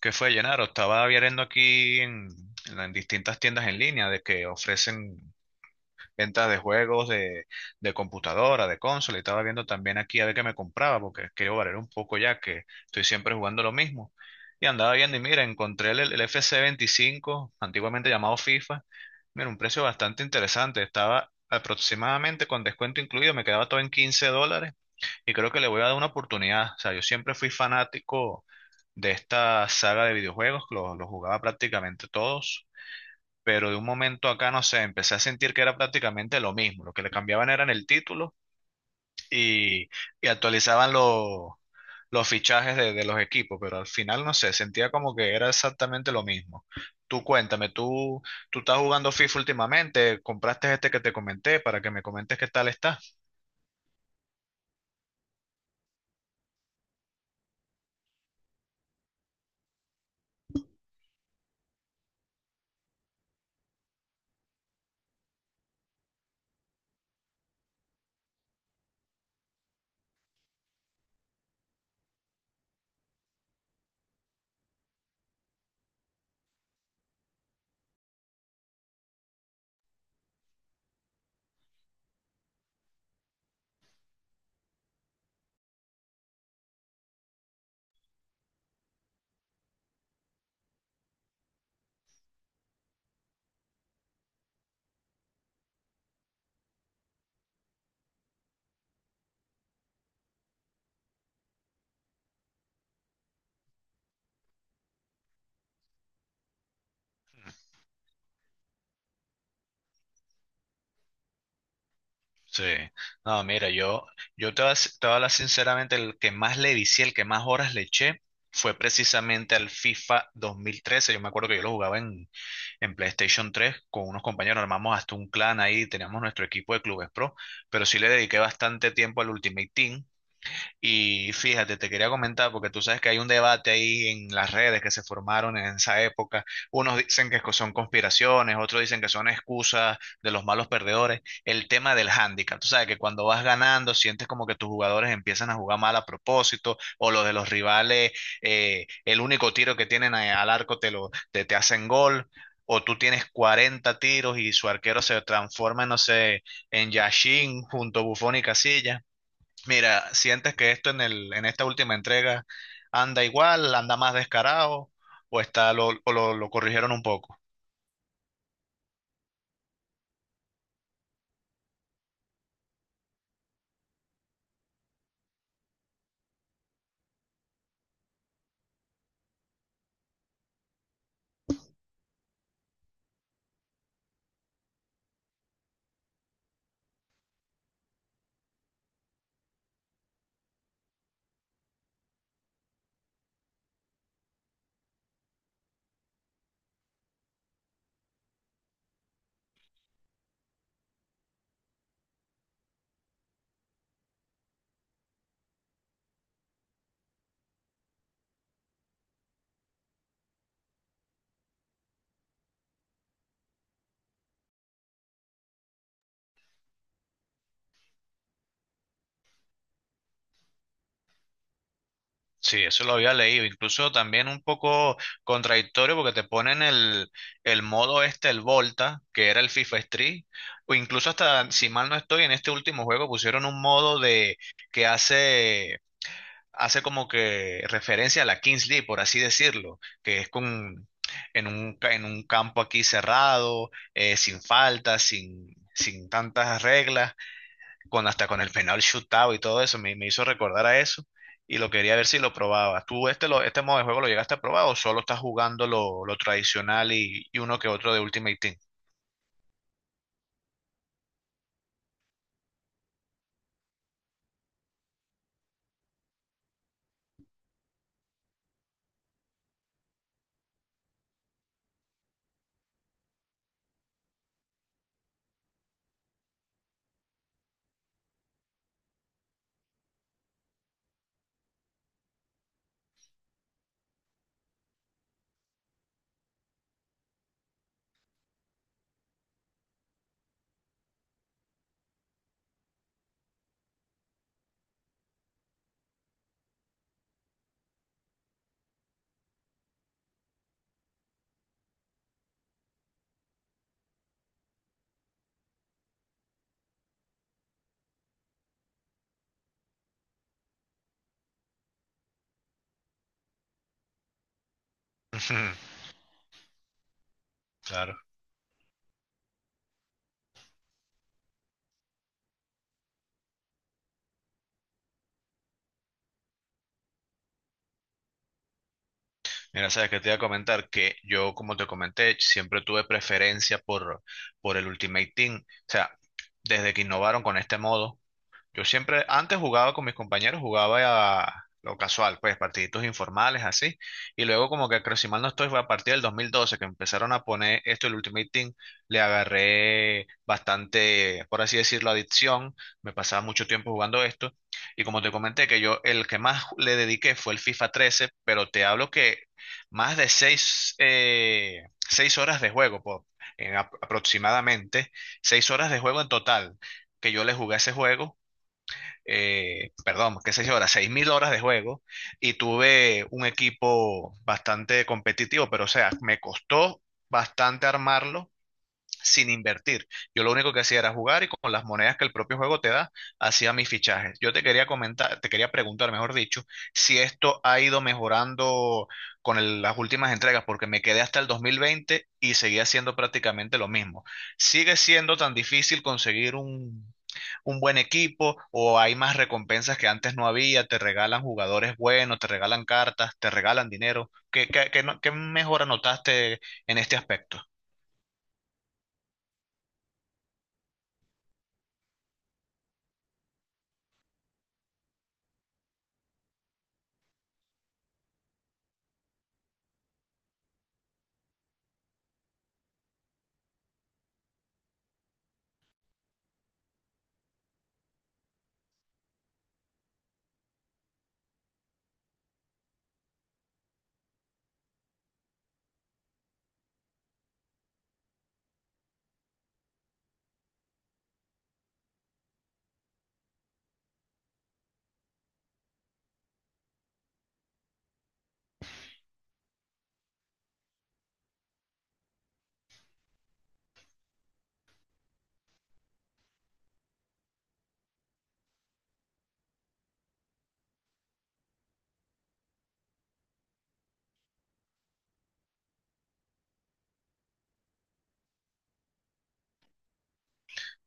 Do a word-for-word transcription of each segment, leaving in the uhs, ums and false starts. ¿Qué fue, Llenaro? Estaba viendo aquí en, en las distintas tiendas en línea de que ofrecen ventas de juegos de, de computadora, de consola, y estaba viendo también aquí a ver qué me compraba, porque quiero variar un poco ya que estoy siempre jugando lo mismo. Y andaba viendo y mira, encontré el, el F C veinticinco, antiguamente llamado FIFA. Mira, un precio bastante interesante. Estaba aproximadamente con descuento incluido, me quedaba todo en quince dólares y creo que le voy a dar una oportunidad. O sea, yo siempre fui fanático de esta saga de videojuegos, los los jugaba prácticamente todos, pero de un momento acá, no sé, empecé a sentir que era prácticamente lo mismo. Lo que le cambiaban eran el título y, y actualizaban los los fichajes de, de los equipos, pero al final, no sé, sentía como que era exactamente lo mismo. Tú cuéntame, tú, tú estás jugando FIFA últimamente, compraste este que te comenté para que me comentes qué tal está. Sí, no, mira, yo, yo te voy a s- te voy a hablar sinceramente, el que más le vicié, el que más horas le eché, fue precisamente al FIFA dos mil trece. Yo me acuerdo que yo lo jugaba en, en PlayStation tres con unos compañeros, armamos hasta un clan ahí, teníamos nuestro equipo de clubes pro, pero sí le dediqué bastante tiempo al Ultimate Team, y fíjate, te quería comentar, porque tú sabes que hay un debate ahí en las redes que se formaron en esa época. Unos dicen que son conspiraciones, otros dicen que son excusas de los malos perdedores. El tema del hándicap, tú sabes que cuando vas ganando sientes como que tus jugadores empiezan a jugar mal a propósito, o los de los rivales, eh, el único tiro que tienen a- al arco te lo, te, te hacen gol. O tú tienes cuarenta tiros y su arquero se transforma, no sé, en Yashin junto a Buffon y Casilla. Mira, ¿sientes que esto en el, en esta última entrega anda igual, anda más descarado o está lo, o lo, lo corrigieron un poco? Sí, eso lo había leído, incluso también un poco contradictorio porque te ponen el, el modo este, el Volta, que era el FIFA Street, o incluso hasta, si mal no estoy, en este último juego pusieron un modo de que hace hace como que referencia a la Kingsley por así decirlo, que es con, en un, ca- en un campo aquí cerrado, eh, sin faltas, sin, sin tantas reglas, con, hasta con el penal shootout y todo eso, me, me hizo recordar a eso y lo quería ver si lo probaba. ¿Tú este, lo, este modo de juego lo llegaste a probar o solo estás jugando lo, lo tradicional y, y uno que otro de Ultimate Team? Claro. Mira, sabes que te iba a comentar que yo, como te comenté, siempre tuve preferencia por, por el Ultimate Team. O sea, desde que innovaron con este modo. Yo siempre, antes jugaba con mis compañeros, jugaba a lo casual, pues partiditos informales así. Y luego como que creo, si mal no estoy, fue a partir del dos mil doce que empezaron a poner esto, el Ultimate Team, le agarré bastante, por así decirlo, adicción. Me pasaba mucho tiempo jugando esto. Y como te comenté, que yo el que más le dediqué fue el FIFA trece, pero te hablo que más de seis, eh, seis horas de juego, po- en ap- aproximadamente, seis horas de juego en total que yo le jugué a ese juego, eh, perdón, qué sé yo, ahora, seis mil horas de juego, y tuve un equipo bastante competitivo, pero o sea, me costó bastante armarlo sin invertir. Yo lo único que hacía era jugar y con las monedas que el propio juego te da, hacía mis fichajes. Yo te quería comentar, te quería preguntar, mejor dicho, si esto ha ido mejorando con el- las últimas entregas, porque me quedé hasta el dos mil veinte y seguía siendo prácticamente lo mismo. ¿Sigue siendo tan difícil conseguir un, un buen equipo o hay más recompensas que antes no había? ¿Te regalan jugadores buenos, te regalan cartas, te regalan dinero? ¿Qué, qué, qué no- qué mejora notaste en este aspecto?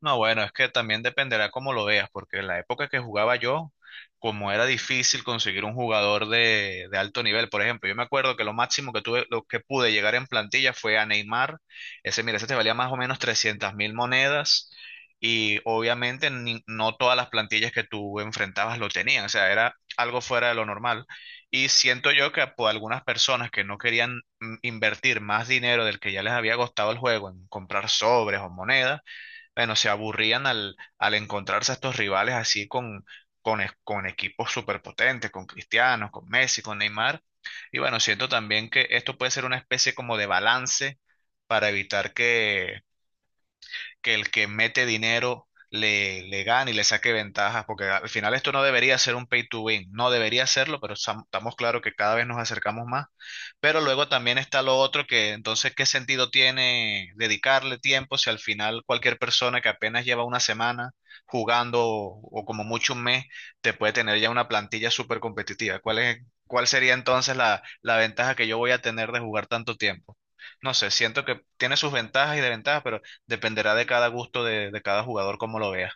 No, bueno, es que también dependerá cómo lo veas, porque en la época que jugaba yo, como era difícil conseguir un jugador de, de alto nivel, por ejemplo, yo me acuerdo que lo máximo que tuve, lo que pude llegar en plantilla fue a Neymar, ese, mira, ese te valía más o menos trescientas mil monedas, y obviamente ni- no todas las plantillas que tú enfrentabas lo tenían, o sea, era algo fuera de lo normal, y siento yo que por algunas personas que no querían mm, invertir más dinero del que ya les había costado el juego en comprar sobres o monedas, bueno, se aburrían al, al encontrarse a estos rivales así con, con, es- con equipos superpotentes, con Cristiano, con Messi, con Neymar. Y bueno, siento también que esto puede ser una especie como de balance para evitar que que el que mete dinero le, le gane y le saque ventajas, porque al final esto no debería ser un pay to win, no debería serlo, pero estam- estamos claros que cada vez nos acercamos más. Pero luego también está lo otro que entonces, ¿qué sentido tiene dedicarle tiempo si al final cualquier persona que apenas lleva una semana jugando o, o como mucho un mes, te puede tener ya una plantilla súper competitiva? ¿Cuál es, cuál sería entonces la, la ventaja que yo voy a tener de jugar tanto tiempo? No sé, siento que tiene sus ventajas y desventajas, pero dependerá de cada gusto de, de cada jugador cómo lo vea.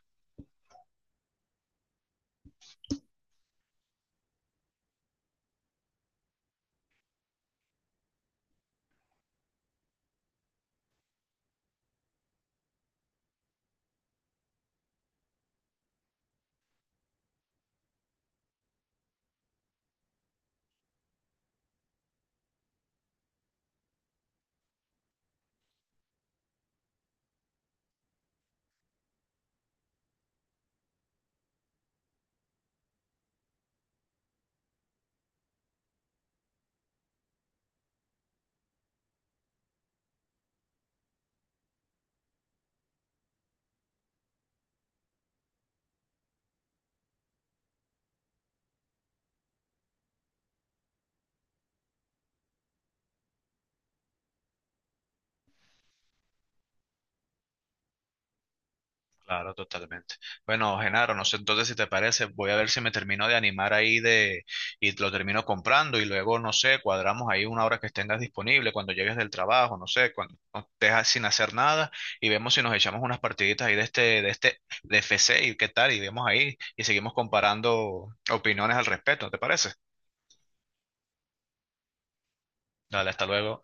Claro, totalmente. Bueno, Genaro, no sé entonces si te parece, voy a ver si me termino de animar ahí de y lo termino comprando y luego, no sé, cuadramos ahí una hora que tengas disponible cuando llegues del trabajo, no sé, cuando estés sin hacer nada y vemos si nos echamos unas partiditas ahí de este, de este, de F C y qué tal, y vemos ahí y seguimos comparando opiniones al respecto, ¿te parece? Dale, hasta luego.